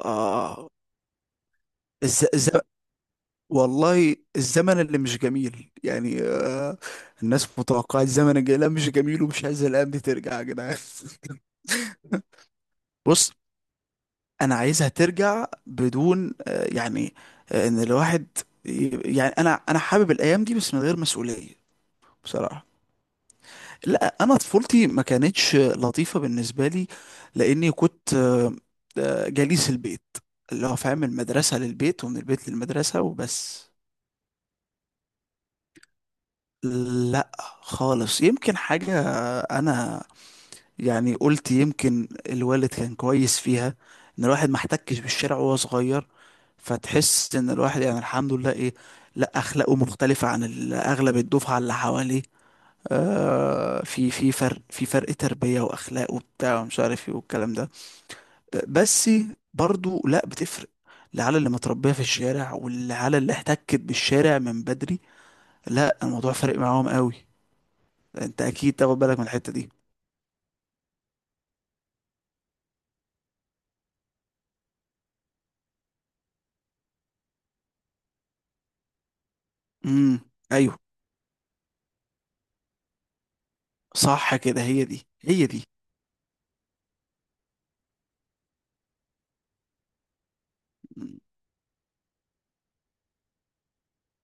آه. الز... الز... والله الزمن اللي مش جميل يعني، الناس متوقعة الزمن الجاي، لا مش جميل ومش عايزة الأيام دي ترجع يا جدعان. بص، أنا عايزها ترجع بدون إن الواحد يعني أنا حابب الأيام دي بس من غير مسؤولية، بصراحة. لا أنا طفولتي ما كانتش لطيفة بالنسبة لي، لأني كنت جليس البيت، اللي هو فاهم، المدرسة للبيت ومن البيت للمدرسة وبس. لا خالص، يمكن حاجة. أنا يعني قلت يمكن الوالد كان كويس فيها، إن الواحد ما احتكش بالشارع وهو صغير، فتحس إن الواحد يعني الحمد لله إيه، لا أخلاقه مختلفة عن أغلب الدفعة اللي حواليه. آه في فرق في فرق تربية وأخلاق وبتاع ومش عارف إيه والكلام ده. بس برضو لا بتفرق العيال اللي متربية في الشارع والعيال اللي احتكت بالشارع من بدري، لا الموضوع فرق معاهم قوي. انت اكيد تاخد بالك من الحتة دي. امم. ايوه صح كده، هي دي هي دي. مم.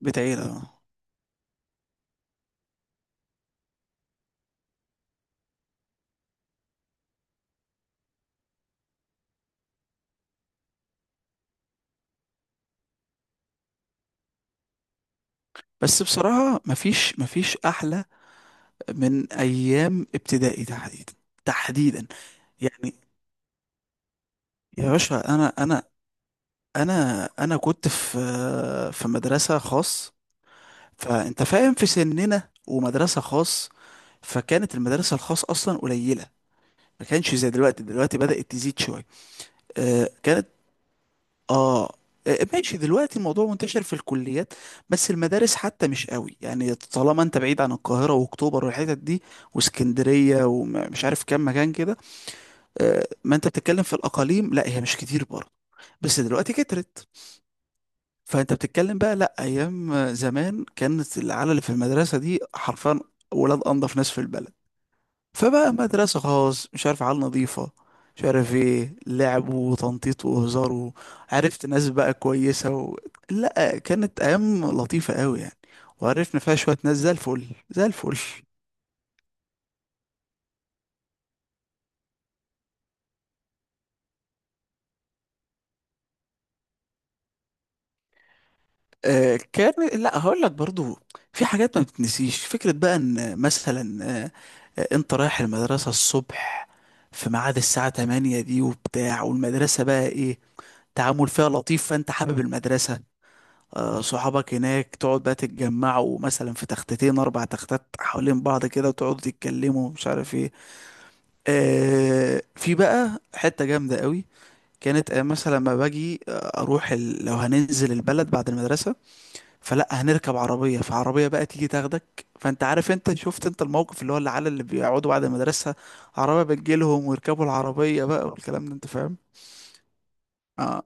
بتعير اه، بس بصراحة مفيش احلى من ايام ابتدائي تحديدا. تحديدا يعني، يا باشا انا انا كنت في في مدرسة خاص، فانت فاهم في سننا ومدرسة خاص، فكانت المدرسة الخاص اصلا قليلة، ما كانش زي دلوقتي. دلوقتي بدأت تزيد شوية. آه، كانت، اه. آه، ماشي، دلوقتي الموضوع منتشر في الكليات، بس المدارس حتى مش قوي، يعني طالما انت بعيد عن القاهرة واكتوبر والحتت دي واسكندرية ومش عارف كام مكان كده. آه، ما انت بتتكلم في الاقاليم، لا هي مش كتير برضه، بس دلوقتي كترت. فانت بتتكلم بقى، لا ايام زمان كانت العيال اللي في المدرسة دي حرفيا ولاد انضف ناس في البلد. فبقى مدرسة خاص، مش عارف عيال نظيفة، مش عارف ايه، لعب وتنطيط وهزار، وعرفت ناس بقى كويسة و... لا كانت أيام لطيفة قوي يعني. وعرفنا فيها شوية ناس زي الفل زي الفل. آه كان، لا هقول لك برضو في حاجات ما بتنسيش، فكرة بقى ان مثلا انت رايح المدرسة الصبح في ميعاد الساعة 8 دي وبتاع، والمدرسة بقى ايه، تعامل فيها لطيف، فانت حابب المدرسة. آه، صحابك هناك تقعد بقى تتجمعوا مثلا في تختتين اربع تختات حوالين بعض كده وتقعدوا تتكلموا مش عارف ايه. آه، في بقى حتة جامدة قوي، كانت آه، مثلا لما باجي آه، لو هننزل البلد بعد المدرسة فلا هنركب عربية، فعربية بقى تيجي تاخدك، فانت عارف، انت شفت، انت الموقف اللي هو العيال اللي بيقعدوا بعد المدرسة، عربية بتجيلهم ويركبوا العربية بقى والكلام ده انت فاهم. اه.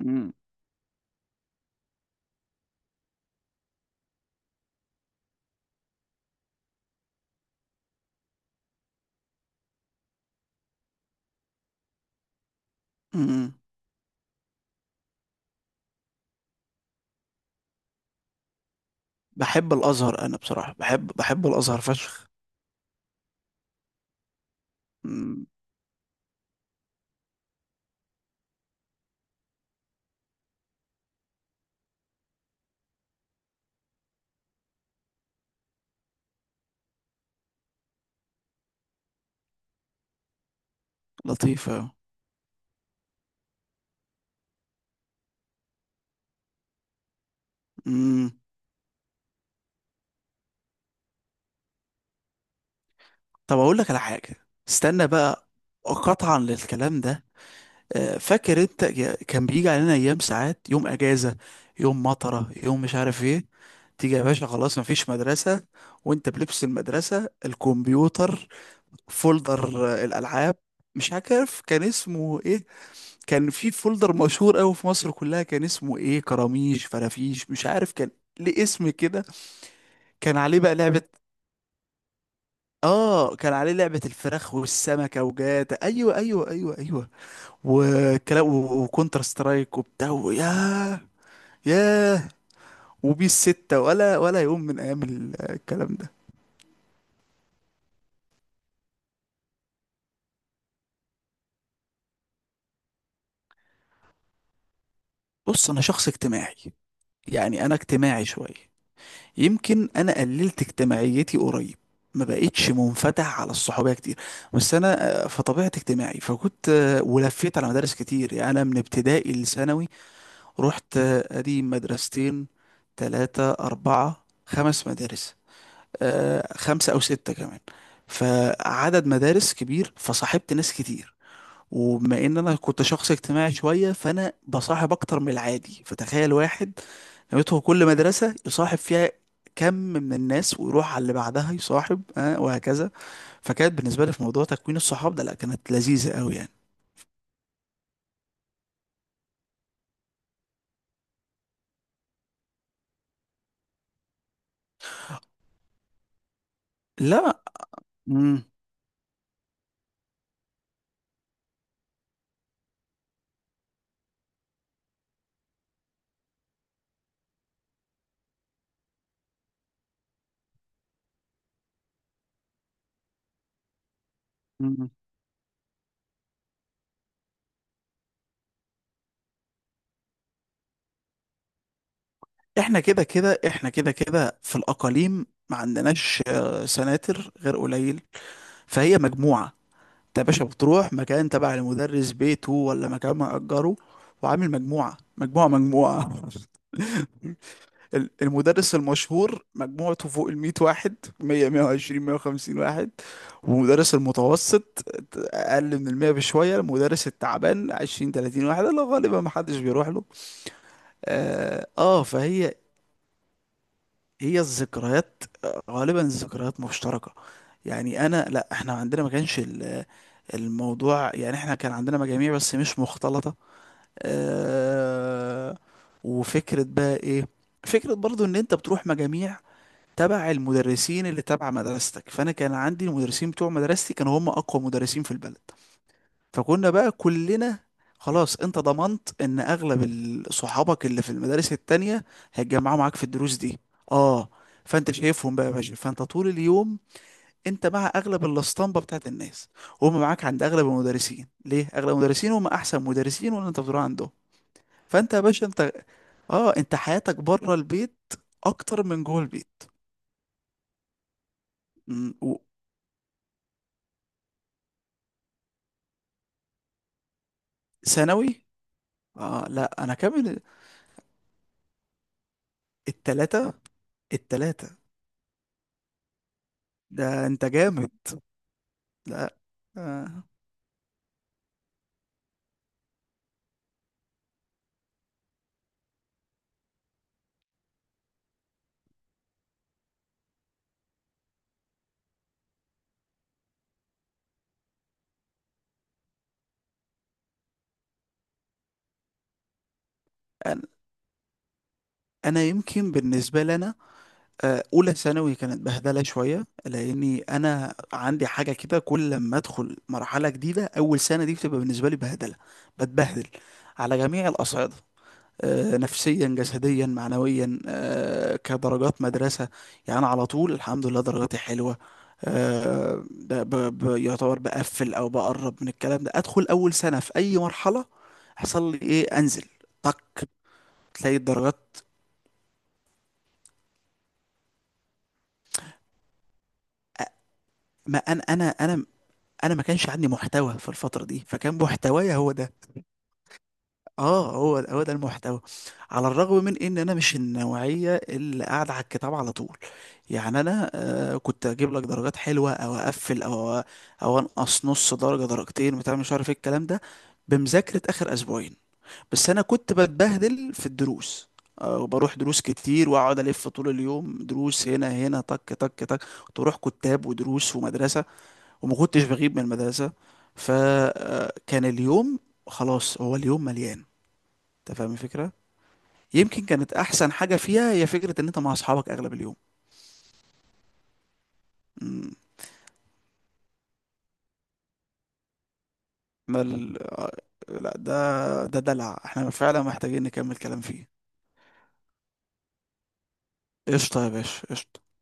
امم. أمم. بحب الازهر انا بصراحة، بحب الازهر فشخ. لطيفة. امم. طب اقول لك على حاجة، استنى بقى، قطعا للكلام ده، آه، فاكر انت يا- كان بيجي علينا ايام، ساعات يوم اجازة، يوم مطرة، يوم مش عارف ايه، تيجي يا باشا خلاص مفيش مدرسة، وانت بلبس المدرسة، الكمبيوتر فولدر، آه، الالعاب، مش عارف كان اسمه ايه. كان في فولدر مشهور قوي في مصر كلها كان اسمه ايه، كراميش فرافيش، مش عارف كان ليه اسم كده. كان عليه بقى لعبة، اه كان عليه لعبة الفراخ والسمكة وجاتا، ايوه ايوه ايوه ايوه، وكونتر سترايك وبتاع، ياه ياه، وبيس ستة، ولا يوم من ايام الكلام ده. بص انا شخص اجتماعي، يعني انا اجتماعي شوية. يمكن انا قللت اجتماعيتي قريب، ما بقتش منفتح على الصحوبية كتير، بس انا آه، فطبيعتي اجتماعي، فكنت آه، ولفيت على مدارس كتير، يعني انا من ابتدائي لثانوي رحت ادي مدرستين، تلاتة اربعة خمس مدارس، آه خمسة او ستة كمان، فعدد مدارس كبير، فصاحبت ناس كتير. وبما ان انا كنت شخص اجتماعي شوية، فانا بصاحب اكتر من العادي، فتخيل واحد نويته كل مدرسة يصاحب فيها كم من الناس ويروح على اللي بعدها يصاحب آه وهكذا. فكانت بالنسبة لي في موضوع تكوين الصحاب ده، لا كانت لذيذة قوي يعني. لا. امم. احنا كده كده في الاقاليم ما عندناش آه، سناتر غير قليل. فهي مجموعه. انت يا باشا بتروح مكان تبع المدرس بيته ولا مكان مأجره، وعامل مجموعه مجموعه مجموعه المدرس المشهور مجموعته فوق ال 100 واحد، 100 120 150 واحد. ومدرس المتوسط اقل من ال 100 بشويه. المدرس التعبان 20 30 واحد اللي غالبا ما حدش بيروح له. اه آه، فهي، هي الذكريات، غالبا الذكريات مشتركة. يعني انا، لا احنا عندنا ما كانش الموضوع، يعني احنا كان عندنا مجاميع بس مش مختلطة. اه. وفكرة بقى ايه، فكرة برضو ان انت بتروح مجاميع تبع المدرسين اللي تبع مدرستك، فانا كان عندي المدرسين بتوع مدرستي كانوا هم اقوى مدرسين في البلد. فكنا بقى كلنا خلاص انت ضمنت ان اغلب صحابك اللي في المدارس التانية هيتجمعوا معاك في الدروس دي. اه. فانت شايفهم بقى يا باشا، فانت طول اليوم انت مع اغلب الاسطمبه بتاعت الناس، وهم معاك عند اغلب المدرسين، ليه اغلب المدرسين هم احسن مدرسين واللي انت بتروح عندهم. فانت يا باشا انت اه، انت حياتك بره البيت اكتر من جوه البيت. م، و- ثانوي، اه لا انا كامل التلاتة، التلاتة ده انت جامد. لا آه. أنا أنا يمكن بالنسبة لنا آه، أولى ثانوي كانت بهدلة شوية، لأني أنا عندي حاجة كده كل لما أدخل مرحلة جديدة، أول سنة دي بتبقى بالنسبة لي بهدلة، بتبهدل على جميع الأصعدة، آه، نفسيا جسديا معنويا، آه، كدرجات مدرسة، يعني أنا على طول الحمد لله درجاتي حلوة. آه، يعتبر بقفل أو بقرب من الكلام ده، أدخل أول سنة في أي مرحلة يحصل لي إيه، أنزل طك، تلاقي الدرجات. ما انا ما كانش عندي محتوى في الفتره دي، فكان محتوايا هو ده. اه هو هو ده المحتوى. على الرغم من ان انا مش النوعيه اللي قاعده على الكتاب على طول، يعني انا آه كنت اجيب لك درجات حلوه او اقفل، او انقص نص درجه درجتين بتاع مش عارف ايه الكلام ده، بمذاكره اخر اسبوعين. بس انا كنت بتبهدل في الدروس، آه، وبروح دروس كتير واقعد الف طول اليوم دروس هنا هنا طك طك طك. كنت بروح كتاب ودروس ومدرسه، وما كنتش بغيب من المدرسة. فكان اليوم خلاص، هو اليوم مليان، انت فاهم الفكرة. يمكن كانت احسن حاجة فيها هي فكرة ان انت مع اصحابك اغلب اليوم. مم. ما ال... آه، لا ده دلع، احنا فعلا محتاجين نكمل كلام فيه. قشطة يا باشا قشطة.